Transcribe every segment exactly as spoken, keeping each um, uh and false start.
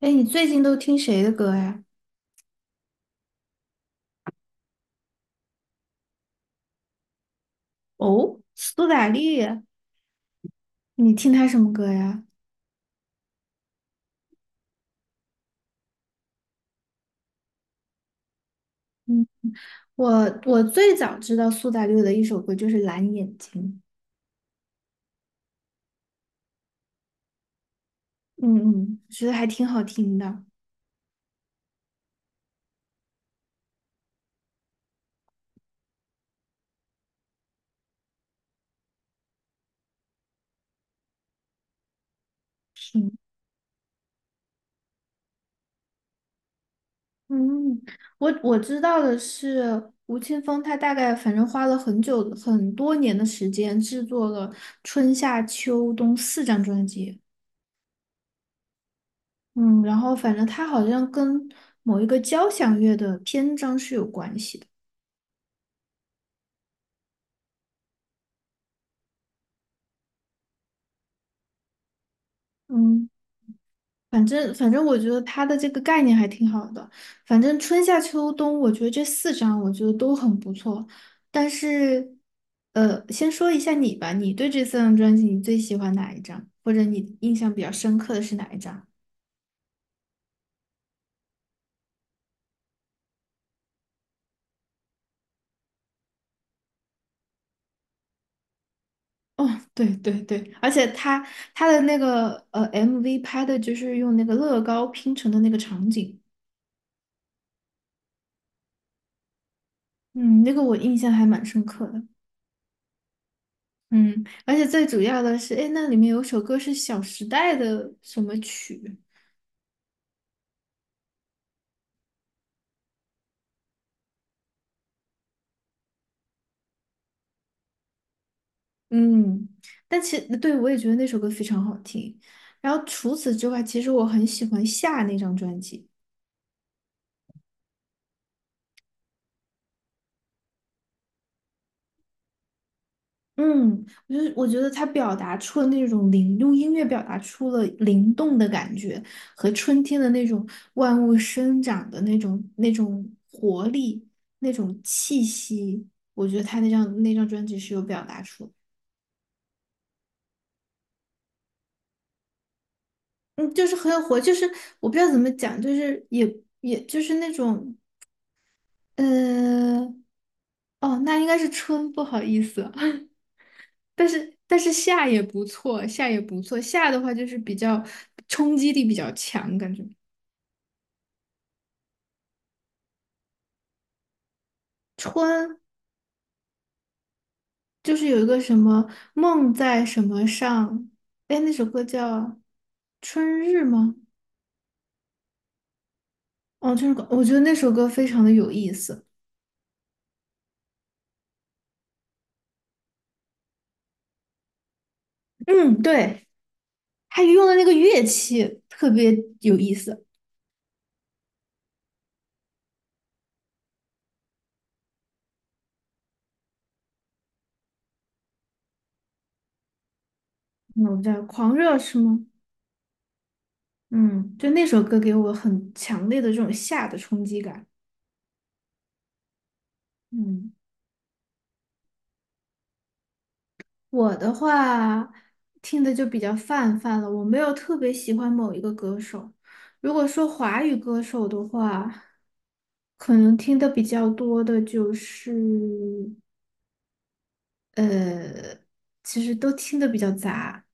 哎，你最近都听谁的歌呀？哦，苏打绿，你听他什么歌呀？嗯，我我最早知道苏打绿的一首歌就是《蓝眼睛》，嗯嗯，觉得还挺好听的。嗯嗯，我我知道的是，吴青峰他大概反正花了很久很多年的时间制作了春夏秋冬四张专辑。嗯，然后反正他好像跟某一个交响乐的篇章是有关系的。嗯。反正反正，我觉得它的这个概念还挺好的。反正春夏秋冬，我觉得这四张我觉得都很不错。但是，呃，先说一下你吧，你对这四张专辑你最喜欢哪一张，或者你印象比较深刻的是哪一张？哦，对对对，而且他他的那个呃 M V 拍的就是用那个乐高拼成的那个场景，嗯，那个我印象还蛮深刻的。嗯，而且最主要的是，哎，那里面有首歌是《小时代》的什么曲？嗯，但其对我也觉得那首歌非常好听。然后除此之外，其实我很喜欢夏那张专辑。嗯，我就是我觉得他表达出了那种灵，用音乐表达出了灵动的感觉和春天的那种万物生长的那种那种活力、那种气息。我觉得他那张那张专辑是有表达出的嗯，就是很有活，就是我不知道怎么讲，就是也也就是那种。呃，哦，那应该是春，不好意思，但是但是夏也不错，夏也不错，夏的话就是比较冲击力比较强，感觉春就是有一个什么梦在什么上，哎，那首歌叫《春日》吗？哦，春日歌我觉得那首歌非常的有意思。嗯，对，他用的那个乐器特别有意思。嗯，我叫狂热是吗？嗯，就那首歌给我很强烈的这种夏的冲击感。嗯。我的话听的就比较泛泛了，我没有特别喜欢某一个歌手。如果说华语歌手的话，可能听的比较多的就是，呃，其实都听的比较杂。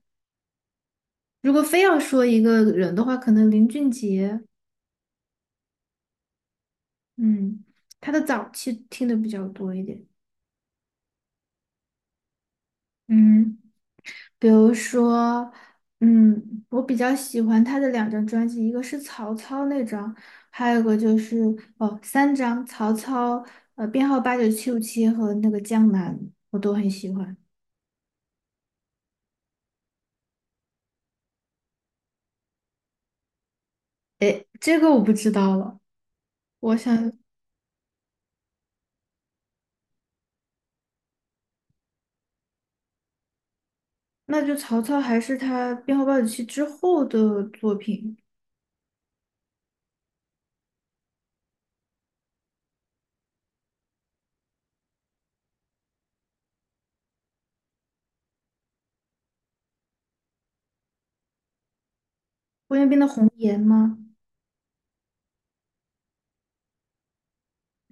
如果非要说一个人的话，可能林俊杰，嗯，他的早期听的比较多一点。嗯。比如说，嗯，我比较喜欢他的两张专辑，一个是曹操那张，还有一个就是哦，三张曹操，呃，编号八九七五七和那个江南，我都很喜欢。诶，这个我不知道了，我想那就曹操还是他编号八九七之后的作品，胡彦斌的《红颜》吗？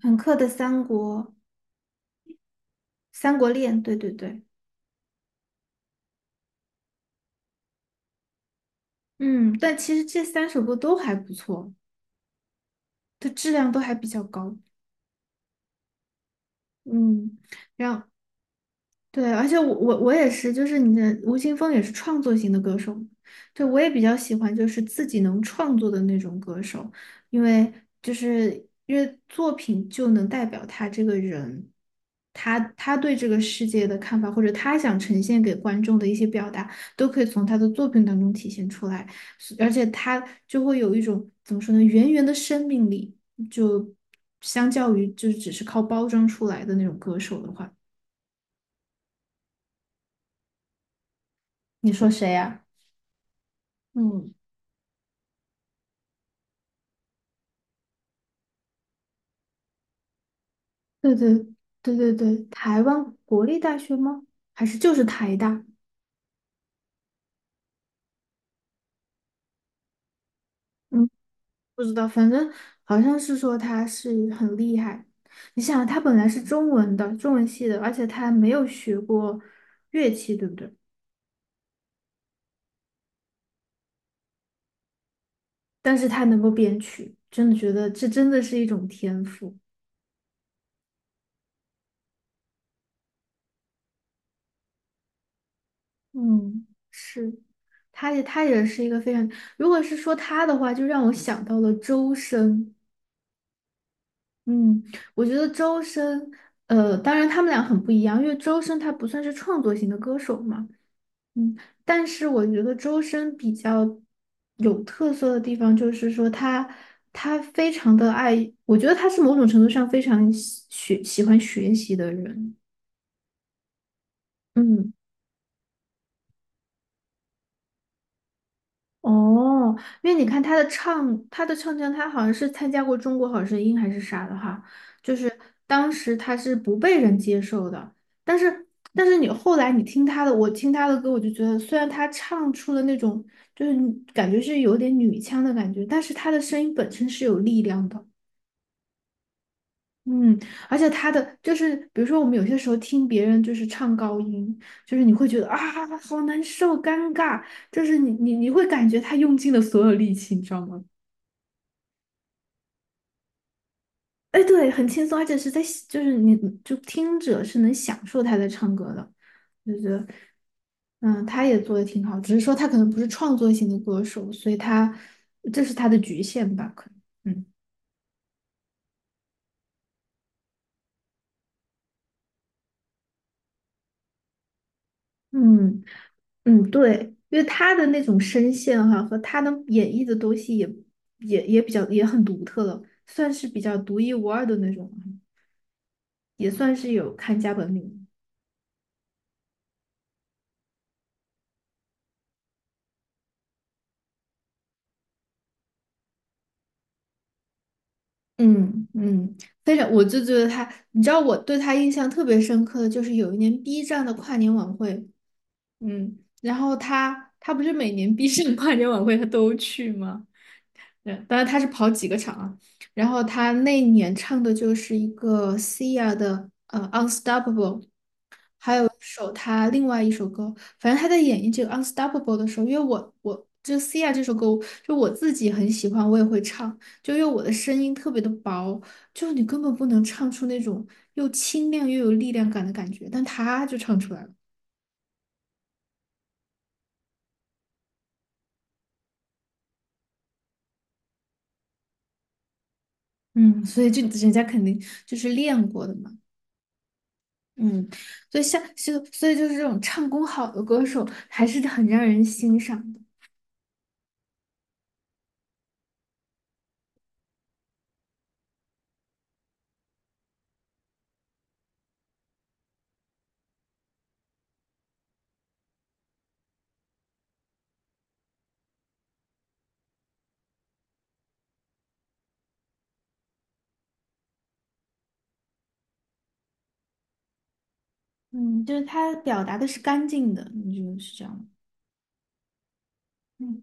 朋克的《三国》《三国恋》，对对对，嗯，但其实这三首歌都还不错，它质量都还比较高。嗯，然对，而且我我我也是，就是你的吴青峰也是创作型的歌手，对，我也比较喜欢就是自己能创作的那种歌手，因为就是因为作品就能代表他这个人，他他对这个世界的看法，或者他想呈现给观众的一些表达，都可以从他的作品当中体现出来，是而且他就会有一种怎么说呢，源源的生命力，就相较于就是只是靠包装出来的那种歌手的话，你说谁呀、嗯，对对对对对，台湾国立大学吗？还是就是台大？嗯，不知道，反正好像是说他是很厉害。你想，他本来是中文的，中文系的，而且他没有学过乐器，对不对？但是他能够编曲，真的觉得这真的是一种天赋。嗯，是，他也他也是一个非常，如果是说他的话，就让我想到了周深。嗯，我觉得周深，呃，当然他们俩很不一样，因为周深他不算是创作型的歌手嘛，嗯，但是我觉得周深比较有特色的地方就是说他他非常的爱，我觉得他是某种程度上非常喜喜欢学习的人，嗯。哦，因为你看他的唱，他的唱腔，他好像是参加过《中国好声音》还是啥的哈，就是当时他是不被人接受的，但是但是你后来你听他的，我听他的歌，我就觉得虽然他唱出了那种就是感觉是有点女腔的感觉，但是他的声音本身是有力量的。嗯，而且他的就是，比如说我们有些时候听别人就是唱高音，就是你会觉得啊，好难受，尴尬，就是你你你会感觉他用尽了所有力气，你知道吗？哎，对，很轻松，而且是在就是你就听者是能享受他在唱歌的，就觉得嗯，他也做的挺好，只是说他可能不是创作型的歌手，所以他这是他的局限吧，可能嗯嗯。嗯，对，因为他的那种声线哈、和他能演绎的东西也也也比较也很独特了，算是比较独一无二的那种了也算是有看家本领。嗯嗯，非常，我就觉得他，你知道我对他印象特别深刻的就是有一年 B 站的跨年晚会，嗯，然后他他不是每年 B 站跨年晚会他都去吗？对，当然他是跑几个场啊。然后他那一年唱的就是一个 Sia 的呃《Unstoppable》，还有一首他另外一首歌，反正他在演绎这个《Unstoppable》的时候，因为我我就 Sia 这首歌，就我自己很喜欢，我也会唱，就因为我的声音特别的薄，就你根本不能唱出那种又清亮又有力量感的感觉，但他就唱出来了，嗯，所以就人家肯定就是练过的嘛。嗯，所以像就所以就是这种唱功好的歌手，还是很让人欣赏的。嗯，就是他表达的是干净的，你觉得是这样吗？嗯。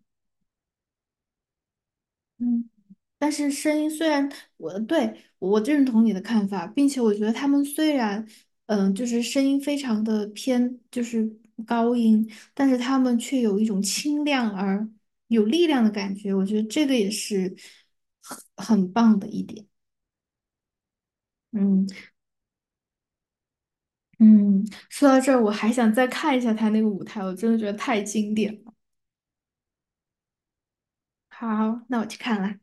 嗯。但是声音虽然我对我认同你的看法，并且我觉得他们虽然嗯、呃就是声音非常的偏就是高音，但是他们却有一种清亮而有力量的感觉，我觉得这个也是很很棒的一点。嗯嗯，说到这儿，我还想再看一下他那个舞台，我真的觉得太经典了。好，那我去看了。